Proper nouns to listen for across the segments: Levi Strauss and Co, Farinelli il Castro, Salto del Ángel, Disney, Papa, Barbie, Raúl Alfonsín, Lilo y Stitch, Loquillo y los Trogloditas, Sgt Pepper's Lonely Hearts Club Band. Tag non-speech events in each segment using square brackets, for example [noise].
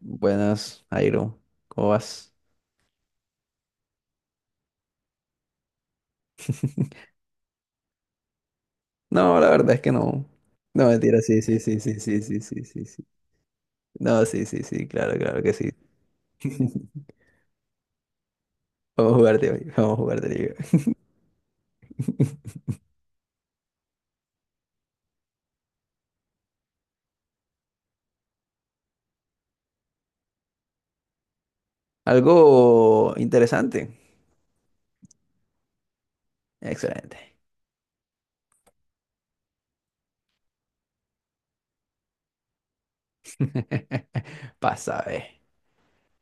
Buenas, Airo. ¿Cómo vas? [laughs] No, la verdad es que no. No, mentira, sí, sí, sí, sí, sí, sí, sí, sí, sí. No, sí, sí, sí, claro, claro que sí. [laughs] Vamos a jugar de hoy, vamos a jugar de liga. Algo interesante. Excelente. [laughs] Pasa, eh.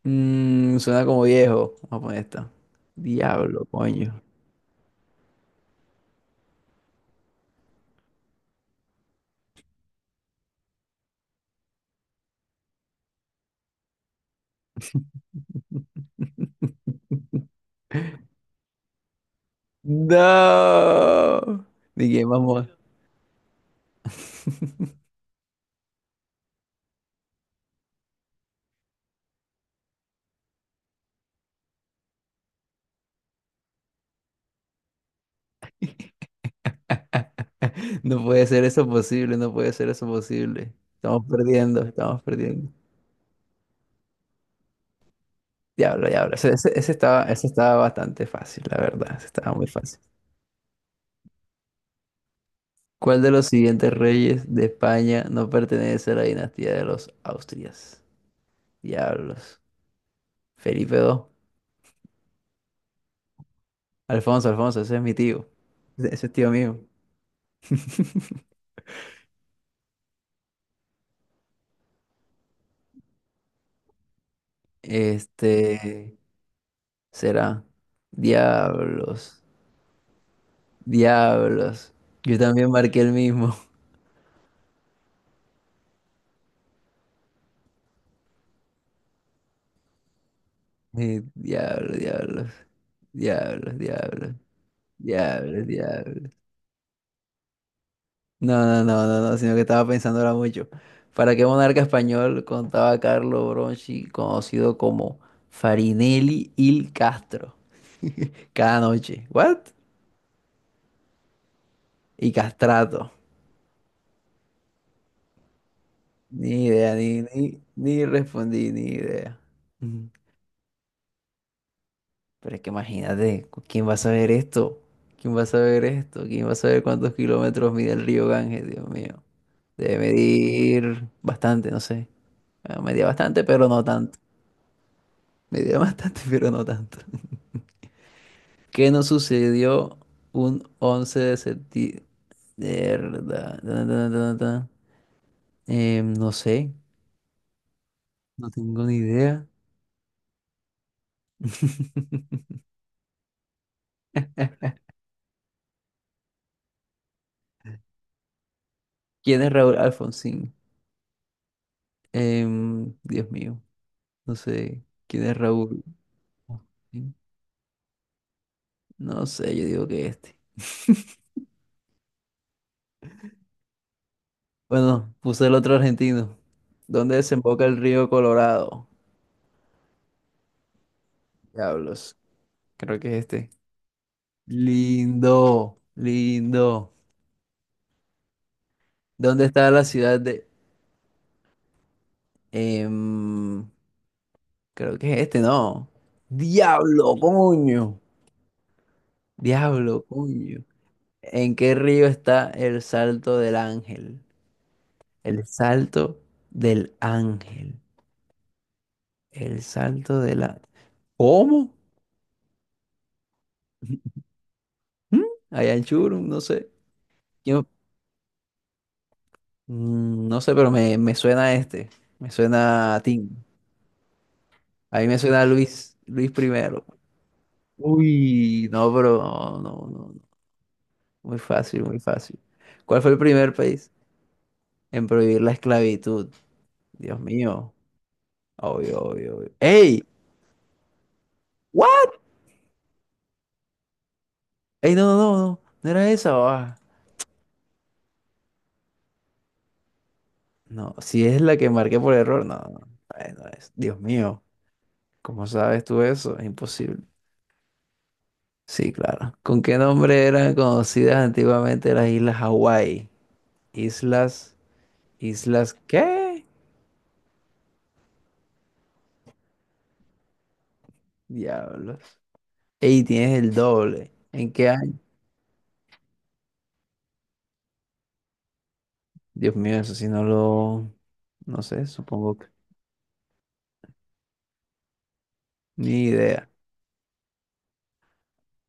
Suena como viejo. Vamos a poner esta. Diablo, coño. No. Ni que vamos. [laughs] [laughs] No puede ser eso posible, no puede ser eso posible. Estamos perdiendo, estamos perdiendo. Diablo, diablo. Ese estaba bastante fácil, la verdad. Ese estaba muy fácil. ¿Cuál de los siguientes reyes de España no pertenece a la dinastía de los Austrias? Diablos. Felipe II. Alfonso, Alfonso, ese es mi tío. Ese es tío mío. Este será. Diablos, diablos. Yo también marqué el mismo. Diablo, diablo, diablo, diablo, diablo, diablo. No, no, no, no, no, sino que estaba pensando ahora mucho. ¿Para qué monarca español contaba Carlo Bronchi, conocido como Farinelli il Castro? [laughs] Cada noche. ¿What? Y castrato. Ni idea, ni respondí, ni idea. [laughs] Pero es que imagínate, ¿quién va a saber esto? ¿Quién va a saber esto? ¿Quién va a saber cuántos kilómetros mide el río Ganges? Dios mío. Debe medir bastante, no sé. Bueno, medía bastante, pero no tanto. Medía bastante, [laughs] pero no tanto. ¿Qué nos sucedió un 11 de septiembre? No sé, no tengo ni idea. [laughs] ¿Quién es Raúl Alfonsín? Dios mío, no sé. ¿Quién es Raúl? No sé, yo digo que este. Bueno, puse el otro argentino. ¿Dónde desemboca el río Colorado? Diablos. Creo que es este. Lindo, lindo. ¿Dónde está la ciudad de... em, creo que es este, no. Diablo, coño. Diablo, coño. ¿En qué río está el Salto del Ángel? El Salto del Ángel. El Salto del Ángel. ¿Cómo? [laughs] ¿Mm? Allá en Churum, no sé. Yo no sé, pero me suena a este. Me suena a Tim. A mí me suena a Luis, Luis primero. Uy, no, pero no, no, no. No. Muy fácil, muy fácil. ¿Cuál fue el primer país en prohibir la esclavitud? Dios mío. Obvio, obvio, obvio. ¡Ey! ¿What? ¡Ey, no, no, no! No, ¿no era esa? Ah. No, si es la que marqué por error, no, no, no, no es. Dios mío. ¿Cómo sabes tú eso? Es imposible. Sí, claro. ¿Con qué nombre eran conocidas antiguamente las Islas Hawái? Islas, Islas, ¿qué? Diablos. Ey, tienes el doble. ¿En qué año? Dios mío, eso sí no lo, no sé, supongo que ni idea.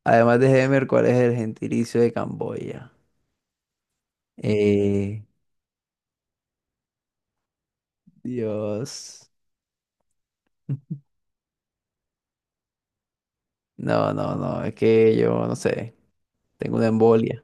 Además de Hemer, ¿cuál es el gentilicio de Camboya? Eh, Dios. [laughs] No, no, no, es que yo no sé, tengo una embolia.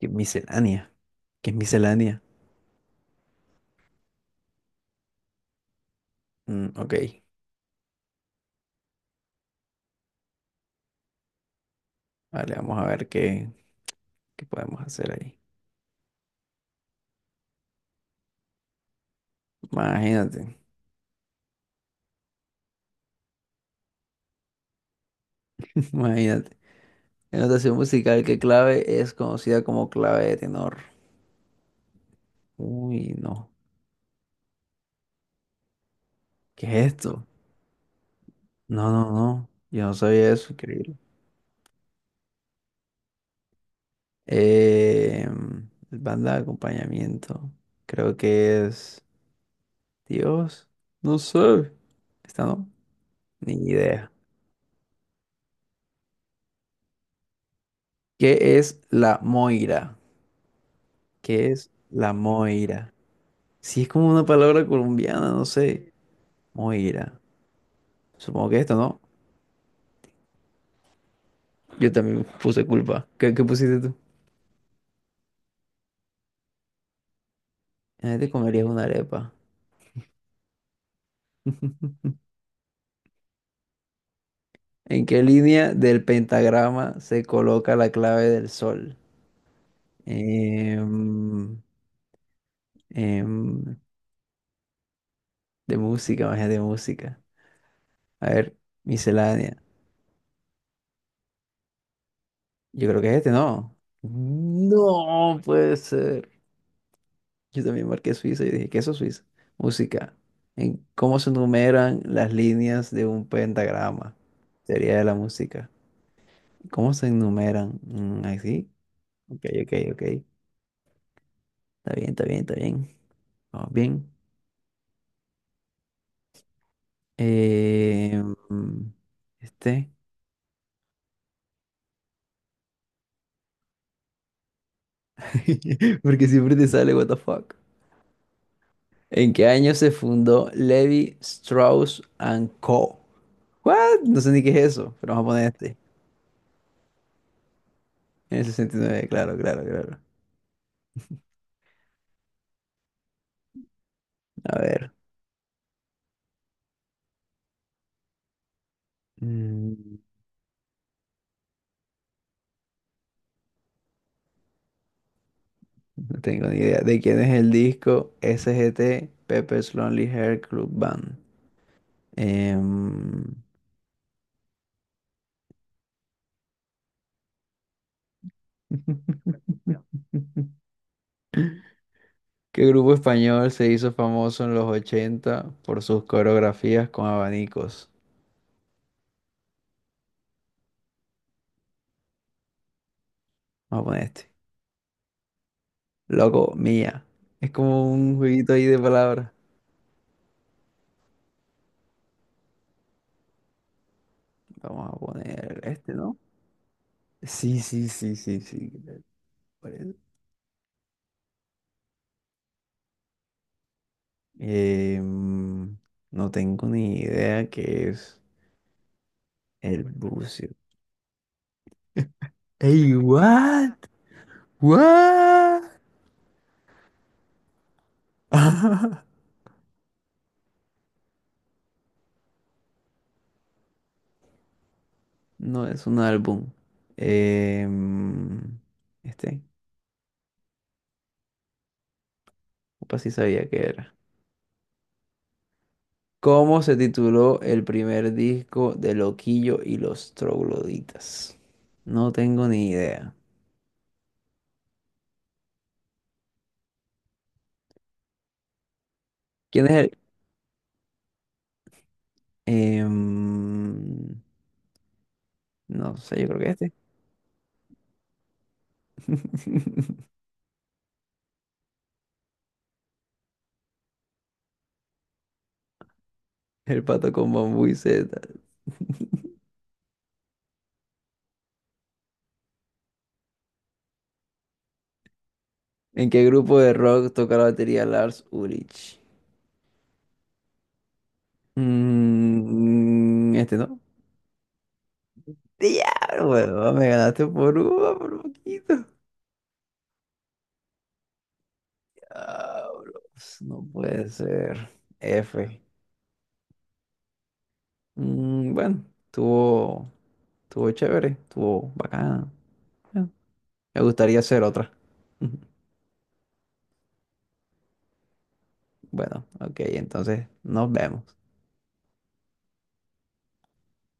¿Qué es miscelánea? ¿Qué es miscelánea? Mm, ok, vale, vamos a ver qué. ¿Qué podemos hacer ahí? Imagínate, [laughs] imagínate. En notación musical, ¿qué clave es conocida como clave de tenor? Uy, no. ¿Qué es esto? No, no, no. Yo no sabía eso, increíble. Eh, banda de acompañamiento. Creo que es... Dios, no sé. ¿Esta no? Ni idea. ¿Qué es la moira? ¿Qué es la moira? Si es como una palabra colombiana, no sé. Moira. Supongo que esto, ¿no? Yo también puse culpa. ¿Qué pusiste tú? Ahí te comerías una arepa. [laughs] ¿En qué línea del pentagrama se coloca la clave del sol? Em, em, de música, magia de música. A ver, miscelánea. Yo creo que es este, ¿no? No puede ser. Yo también marqué Suiza y dije, ¿qué es eso, Suiza? Música. ¿En cómo se enumeran las líneas de un pentagrama? Teoría de la música. ¿Cómo se enumeran? Mm, ¿así? Ok, ok, ok. Está bien, está bien, está bien. Vamos bien. Eh, mm, este. [laughs] Porque siempre te sale, what the fuck. ¿En qué año se fundó Levi Strauss and Co? What? No sé ni qué es eso, pero vamos a poner este. En el 69, claro, claro, claro. A ver. Mm, no tengo ni idea. ¿De quién es el disco Sgt. Pepper's Lonely Heart Club Band? Em, [laughs] ¿Qué grupo español se hizo famoso en los 80 por sus coreografías con abanicos? Vamos a poner este. Loco, mía. Es como un jueguito ahí de palabras. Vamos a poner este, ¿no? Sí, sí, sí, sí, sí. ¿Qué tal parece? Eh, mm, no tengo ni idea qué es el bucio. Ey, what? What? [laughs] No es un álbum. Eh, mm, este, opa, sí sabía que era. ¿Cómo se tituló el primer disco de Loquillo y los Trogloditas? No tengo ni idea. ¿Quién es el...? Em, no sé, yo creo que este. [laughs] El pato con bambú y setas. [laughs] ¿En qué grupo de rock toca la batería Lars Ulrich? Este no. Diablo, huevón, me ganaste por uno, por poquito. Diablos, no puede ser. F. Mm, bueno, estuvo chévere, estuvo bacana. Bueno, me gustaría hacer otra. [laughs] Bueno, ok, entonces nos vemos.